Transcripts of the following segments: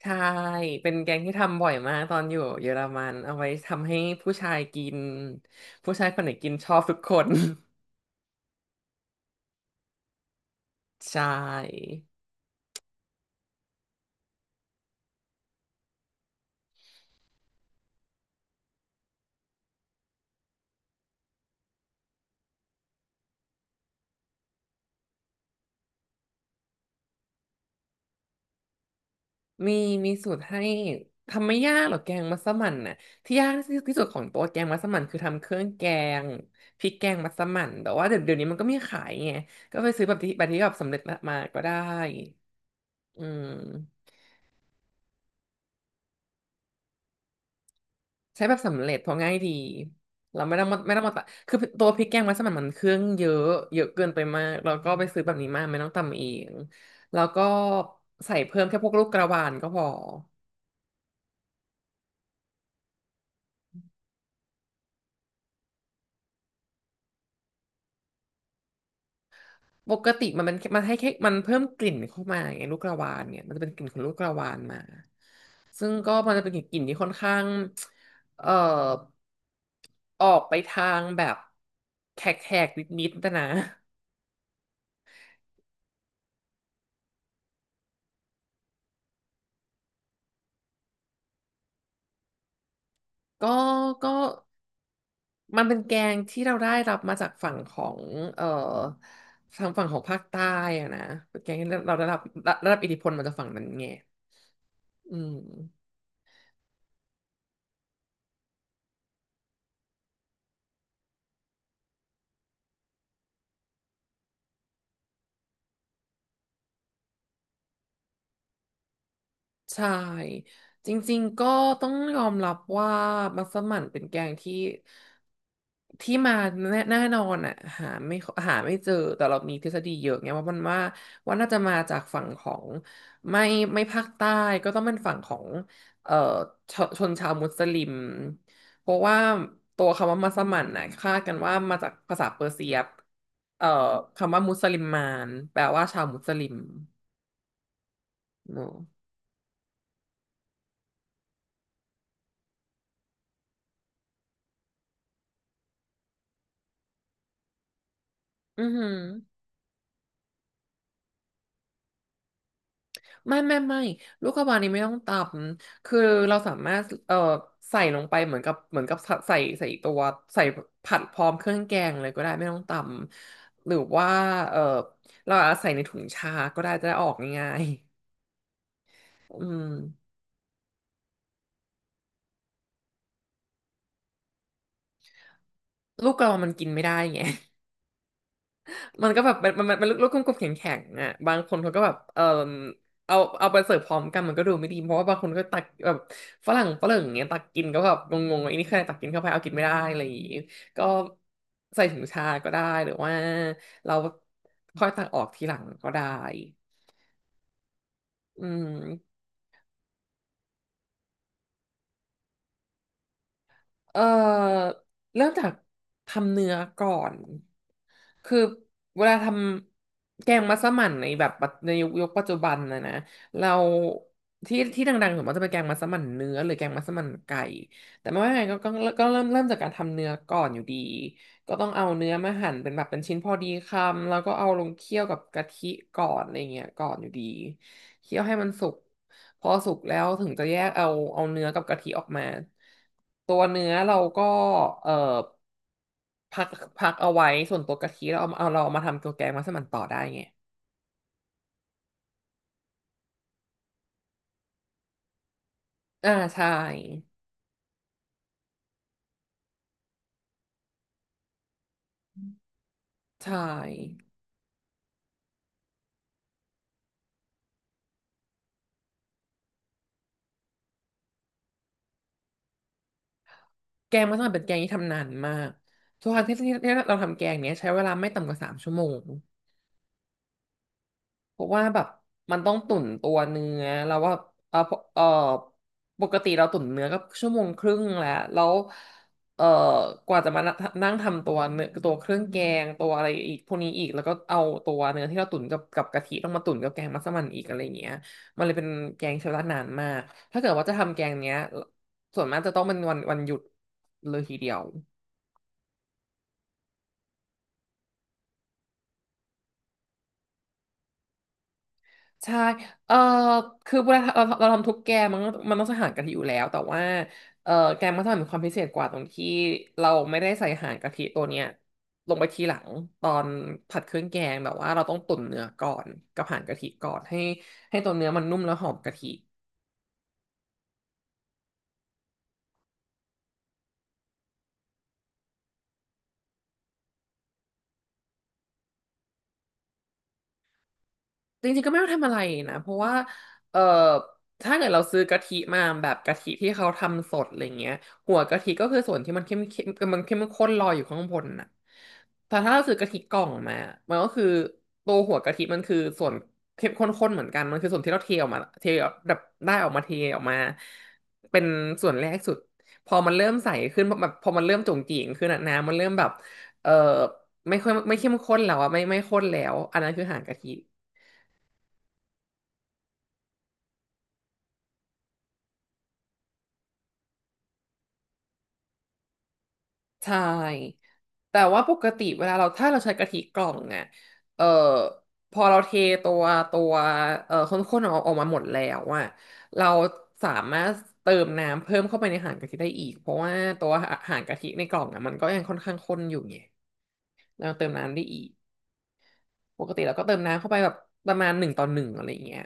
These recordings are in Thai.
ใช่ เป็นแกงที่ทำบ่อยมากตอนอยู่เยอรมันเอาไว้ทำให้ผู้ชายกินผู้ชายคนไหนกินชอบทุกคน ใช่มีมีสูตรให้ทำไม่ยากหรอกแกงมัสมั่นน่ะที่ยากที่สุดของตัวแกงมัสมั่นคือทำเครื่องแกงพริกแกงมัสมั่นแต่ว่าเดี๋ยวนี้มันก็มีขายไงก็ไปซื้อแบบสำเร็จมาก็ได้อืม ใช้แบบสำเร็จเพราะง่ายดีเราไม่ต้องมาตะคือตัวพริกแกงมัสมั่นมันเครื่องเยอะเยอะเกินไปมากเราก็ไปซื้อแบบนี้มาไม่ต้องตำเองแล้วก็ใส่เพิ่มแค่พวกลูกกระวานก็พอ ปกติมันเป็นมันให้แค่มันเพิ่มกลิ่นเข้ามาไงลูกกระวานเนี่ยมันจะเป็นกลิ่นของลูกกระวานมา ซึ่งก็มันจะเป็นกลิ่นที่ค่อนข้างเอ่อออกไปทางแบบแขกๆนิดๆแต่นะก็ก็ มันเป็นแกงที่เราได้รับมาจากฝั่งของเอ่อทางฝั่งของภาคใต้อะนะเป็นแกงที่เราได้รับอิทธิพลมาจากฝั่งนั้นไงอืมใช่จริงๆก็ต้องยอมรับว่ามัสมั่นเป็นแกงที่ ที่มาแน่นอนอ่ะหาไม่หาไม่เจอแต่เรามีทฤษฎีเยอะไงว่ามันว่าน่าจะมาจากฝั่งของไม่ไม่ภาคใต้ก็ต้องเป็นฝั่งของเอ่อชนชาวมุสลิมเพราะว่าตัวคำว่ามัสมั่นน่ะคาดกันว่ามาจากภาษาเปอร์เซียเอ่อคำว่ามุสลิมมานแปลว่าชาวมุสลิมเนอะอือหือ ไม่ไม่ไม่ลูกกระวานนี้ไม่ต้องตำคือเราสามารถใส่ลงไปเหมือนกับใส่ตัวใส่ผัดพร้อมเครื่องแกงเลยก็ได้ไม่ต้องตำหรือว่าเอ่อเราอาจจะใส่ในถุงชาก็ได้จะได้ออกง่ายๆอืมลูกกระวานมันกินไม่ได้ไง มันก็แบบมันลูกกลมๆแข็งๆอ่ะบางคนเขาก็แบบเออเอาไปเสิร์ฟพร้อมกันมันก็ดูไม่ดีเพราะว่าบางคนก็ตักแบบฝรั่งฝรั่งอย่างเงี้ยตักกินก็แบบงงๆไอ้นี่ใครตักกินเข้าไปเอากินไม่ได้อะไรอย่างงี้ก็ใส่ถุงชาก็ได้หรือว่าเราค่อยตักออกทีหลังก็ได้อืม เอ่อเริ่มจากทำเนื้อก่อนคือเวลาทำแกงมัสมั่นในยุคปัจจุบันนะเราที่ที่ดังๆส่วนมากจะเป็นแกงมัสมั่นเนื้อหรือแกงมัสมั่นไก่แต่ไม่ว่าไงก็เริ่มจากการทำเนื้อก่อนอยู่ดีก็ต้องเอาเนื้อมาหั่นเป็นแบบเป็นชิ้นพอดีคำแล้วก็เอาลงเคี่ยวกับกะทิก่อนอะไรเงี้ยก่อนอยู่ดี เคี่ยวให้มันสุกพอสุกแล้วถึงจะแยกเอาเนื้อกับกะทิออกมาตัวเนื้อเราก็เอ่อพักพักเอาไว้ส่วนตัวกะทิเราเอามาทำตัวแกงมัสมั่นต่อได้ไงอ่าใช่ใช่แกงมัสมั่นเป็นแกงที่ทำนานมากทุกครั้งที่ที่เราทำแกงเนี้ยใช้เวลาไม่ต่ำกว่าสามชั่วโมง เพราะว่าแบบมันต้องตุ๋นตัวเนื้อแล้วว่าเออเออปกติเราตุ๋นเนื้อก็ชั่วโมงครึ่งแล้วเออกว่าจะมานั่งทำตัวเนื้อตัวเครื่องแกงตัวอะไรอีกพวกนี้อีกแล้วก็เอาตัวเนื้อที่เราตุ๋นกับกะทิต้องมาตุ๋นกับแกงมัสมั่นอีกอะไรอย่างเงี้ยมันเลยเป็นแกงใช้เวลานานมากถ้าเกิดว่าจะทำแกงเนี้ยส่วนมากจะต้องเป็นวันหยุดเลยทีเดียว ใช่เออคือเวลาเราทำทุกแกงมันต้องใส่หางกะทิอยู่แล้วแต่ว่าเออแกงมัสมั่นมีความพิเศษกว่าตรงที่เราไม่ได้ใส่หางกะทิตัวเนี้ยลงไปทีหลังตอนผัดเครื่องแกงแบบว่าเราต้องตุ๋นเนื้อก่อนกับหางกะทิก่อนให้ตัวเนื้อมันนุ่มแล้วหอมกะทิ จริงๆก็ไม่ต้องทำอะไรนะเพราะว่าเอ่อถ้าเกิดเราซื้อกะทิมาแบบกะทิที่เขาทำสดอะไรเงี้ยหัวกะทิก็คือส่วนที่มันเข้มเข้มมันเข้มข้นลอยอยู่ข้างบนน่ะแต่ถ้าเราซื้อกะทิกล่องมามันก็คือตัวหัวกะทิมันคือส่วนเข้มข้นๆเหมือนกันมันคือส่วนที่เราเทออกมาเทออกแบบได้ออกมาเทออกมาเป็นส่วนแรกสุดพอมันเริ่มใสขึ้นแบบพอมันเริ่มจุ๋งจิ๋งขึ้นอะน้ำมันเริ่มแบบเอ่อไม่ค่อยไม่เข้มข้นแล้วอะไม่ข้นแล้วอันนั้นคือหางกะทิ ใช่ แต่ว่าปกติเวลาเราถ้าเราใช้กะทิกล่องเนี่ยเอ่อพอเราเทตัวตัวข้นๆออกมาหมดแล้วอะเราสามารถเติมน้ำเพิ่มเข้าไปในหางกะทิได้อีกเพราะว่าตัวหางกะทิในกล่องอะมันก็ยังค่อนข้างข้นอยู่ไงเราเติมน้ำได้อีกปกติเราก็เติมน้ำเข้าไปแบบประมาณ1:1อะไรอย่างเงี้ย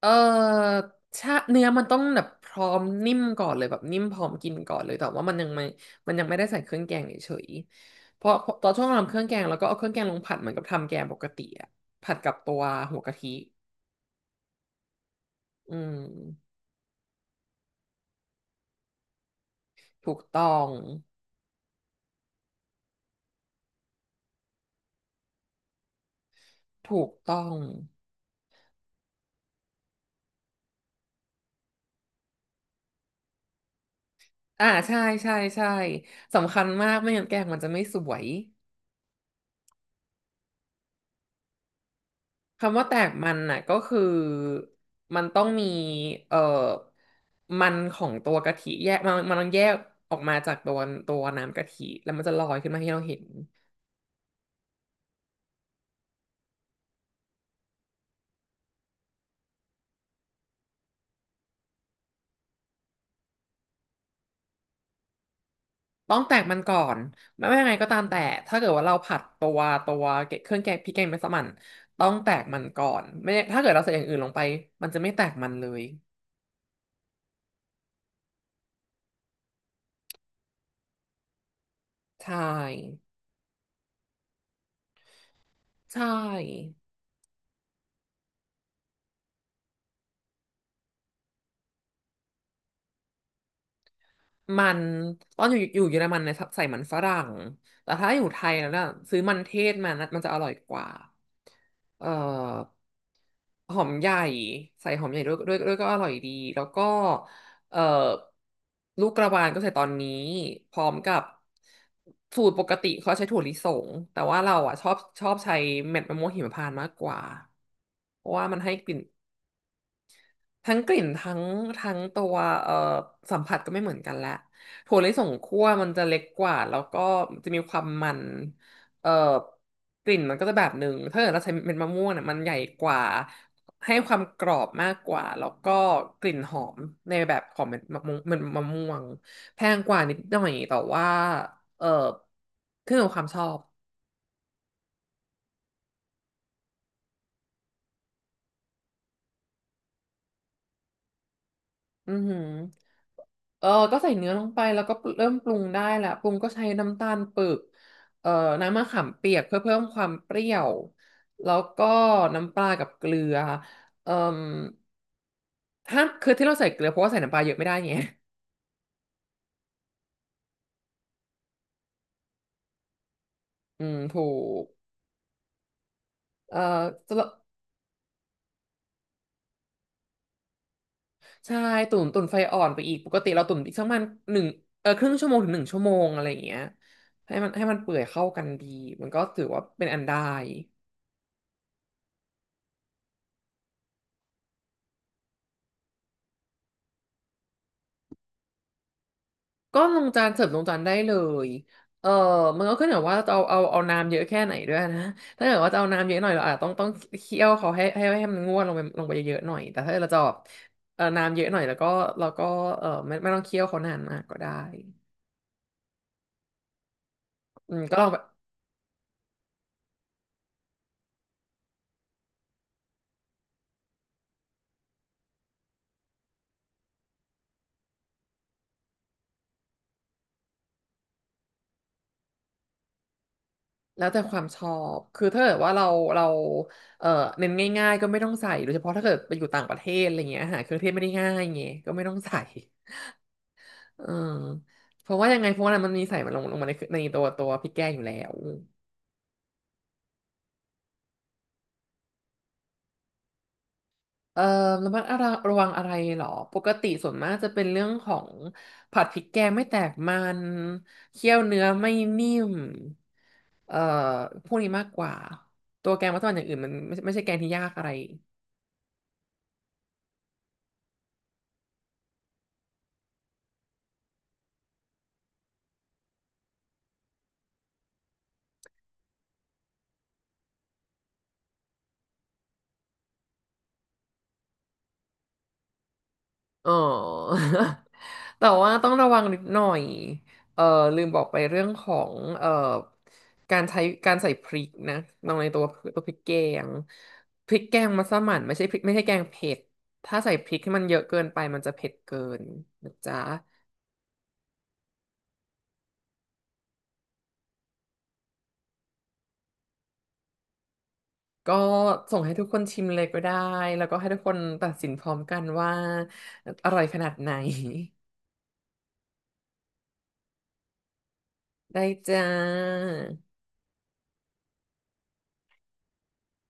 เออชาเนื้อมันต้องแบบพร้อมนิ่มก่อนเลยแบบนิ่มพร้อมกินก่อนเลยแต่ว่ามันยังไม่ได้ใส่เครื่องแกงเฉยๆเพราะตอนช่วงทำเครื่องแกงแล้วก็เอาเครื่องแกงลงผัดเหมือนกับทำแกงปกติอะผัดกับตัวหัวกะทิอืมถูกต้องถูกต้องอ่าใช่ใช่ใช่สำคัญมากไม่งั้นแกงมันจะไม่สวย คำว่าแตกมันน่ะก็คือมันต้องมีเอ่อมันของตัวกะทิแยกมันต้องแยกออกมาจากตัวน้ำกะทิแล้วมันจะลอยขึ้นมาให้เราเห็นต้องแตกมันก่อนไม่ว่ายังไงก็ตามแต่ถ้าเกิดว่าเราผัดตัวเครื่องแกงพริกแกงมัสมั่นต้องแตกมันก่อนไม่ถ้าเกิดเราใส่อย่างอื่นลงไปมันจะไม่แตกมันเลยใช่ใช่ มันตอนอยู่เยอรมันเนี่ยใส่มันฝรั่งแต่ถ้าอยู่ไทยแล้วเนี่ยซื้อมันเทศมานะมันจะอร่อยกว่าเอ่อหอมใหญ่ใส่หอมใหญ่ด้วยก็อร่อยดีแล้วก็เอ่อลูกกระวานก็ใส่ตอนนี้พร้อมกับสูตรปกติเขาใช้ถั่วลิสงแต่ว่าเราอ่ะชอบใช้เม็ดมะม่วงหิมพานต์มากกว่าเพราะว่ามันให้กลิ่น ทั้งกลิ่นทั้งตัวเอ่อสัมผัสก็ไม่เหมือนกันละถั่วลิสงคั่วมันจะเล็กกว่าแล้วก็จะมีความมันเอ่อกลิ่นมันก็จะแบบหนึ่งถ้าเกิดเราใช้เม็ดมะม่วงเนี่ยมันใหญ่กว่าให้ความกรอบมากกว่าแล้วก็กลิ่นหอมในแบบของเม็ดมะม่วงแพงกว่านิดหน่อยแต่ว่าเอ่อขึ้นอยู่กับความชอบ อือหือเออก็ใส่เนื้อลงไปแล้วก็เริ่มปรุงได้แหละปรุงก็ใช้น้ำตาลปึกเอ่อน้ำมะขามเปียกเพื่อเพิ่มความเปรี้ยวแล้วก็น้ำปลากับเกลือเอ่อถ้าคือที่เราใส่เกลือเพราะว่าใส่น้ำปลาเยอะไม่ได้ไง อืมถูกเอ่อสำหรับใช่ตุ๋นไฟอ่อนไปอีกปกติเราตุ๋นอีกสักประมาณหนึ่งเออครึ่งชั่วโมงถึง1 ชั่วโมงอะไรอย่างเงี้ยให้มันเปื่อยเข้ากันดีมันก็ถือว่าเป็นอันได้ ก็ลงจานเสิร์ฟลงจานได้เลยเออมันก็ขึ้นอยู่ว่าจะเอาน้ำเยอะแค่ไหนด้วยนะถ้าเกิดว่าจะเอาน้ำเยอะหน่อยเราอาจจะต้องเคี่ยวเขาให้มันงวดลงไปเยอะๆหน่อยแต่ถ้าเราจะแบบเออน้ำเยอะหน่อยแล้วก็เราก็เออไม่ต้องเคี่ยวเขานานมากก็ได้อืมก็ลองแบบแล้วแต่ความชอบคือถ้าเกิดว่าเราเออเน้นง่ายๆก็ไม่ต้องใส่โดยเฉพาะถ้าเกิดไปอยู่ต่างประเทศอะไรเงี้ยอาหารเครื่องเทศไม่ได้ง่ายไงก็ไม่ต้องใส่ เออเพราะว่ายังไงเพราะว่ามันมีใส่มันลงมาในตัวพริกแกงอยู่แล้วเอ่อระมัดระวังอะไรเหรอปกติส่วนมากจะเป็นเรื่องของผัดพริกแกงไม่แตกมันเคี่ยวเนื้อไม่นิ่มเอ่อพวกนี้มากกว่า ตัวแกงมัสมั่นอย่างอื่นมันไม่ใช่แกงที่ยากอะไร อ๋อ แต่ว่าต้องระวังนิดหน่อย เอ่อลืมบอกไปเรื่องของการใช้การใส่พริกนะลงในตัวตัวพริกแกงพริกแกงมัสมั่นไม่ใช่พริกไม่ใช่แกงเผ็ด ถ้าใส่พริกให้มันเยอะเกินไปมันจะเผ็ดเกินนะจ๊ะก็ส่งให้ทุกคนชิมเลยก็ได้ แล้วก็ให้ทุกคนตัดสินพร้อมกันว่าอร่อยขนาดไหน ได้จ้า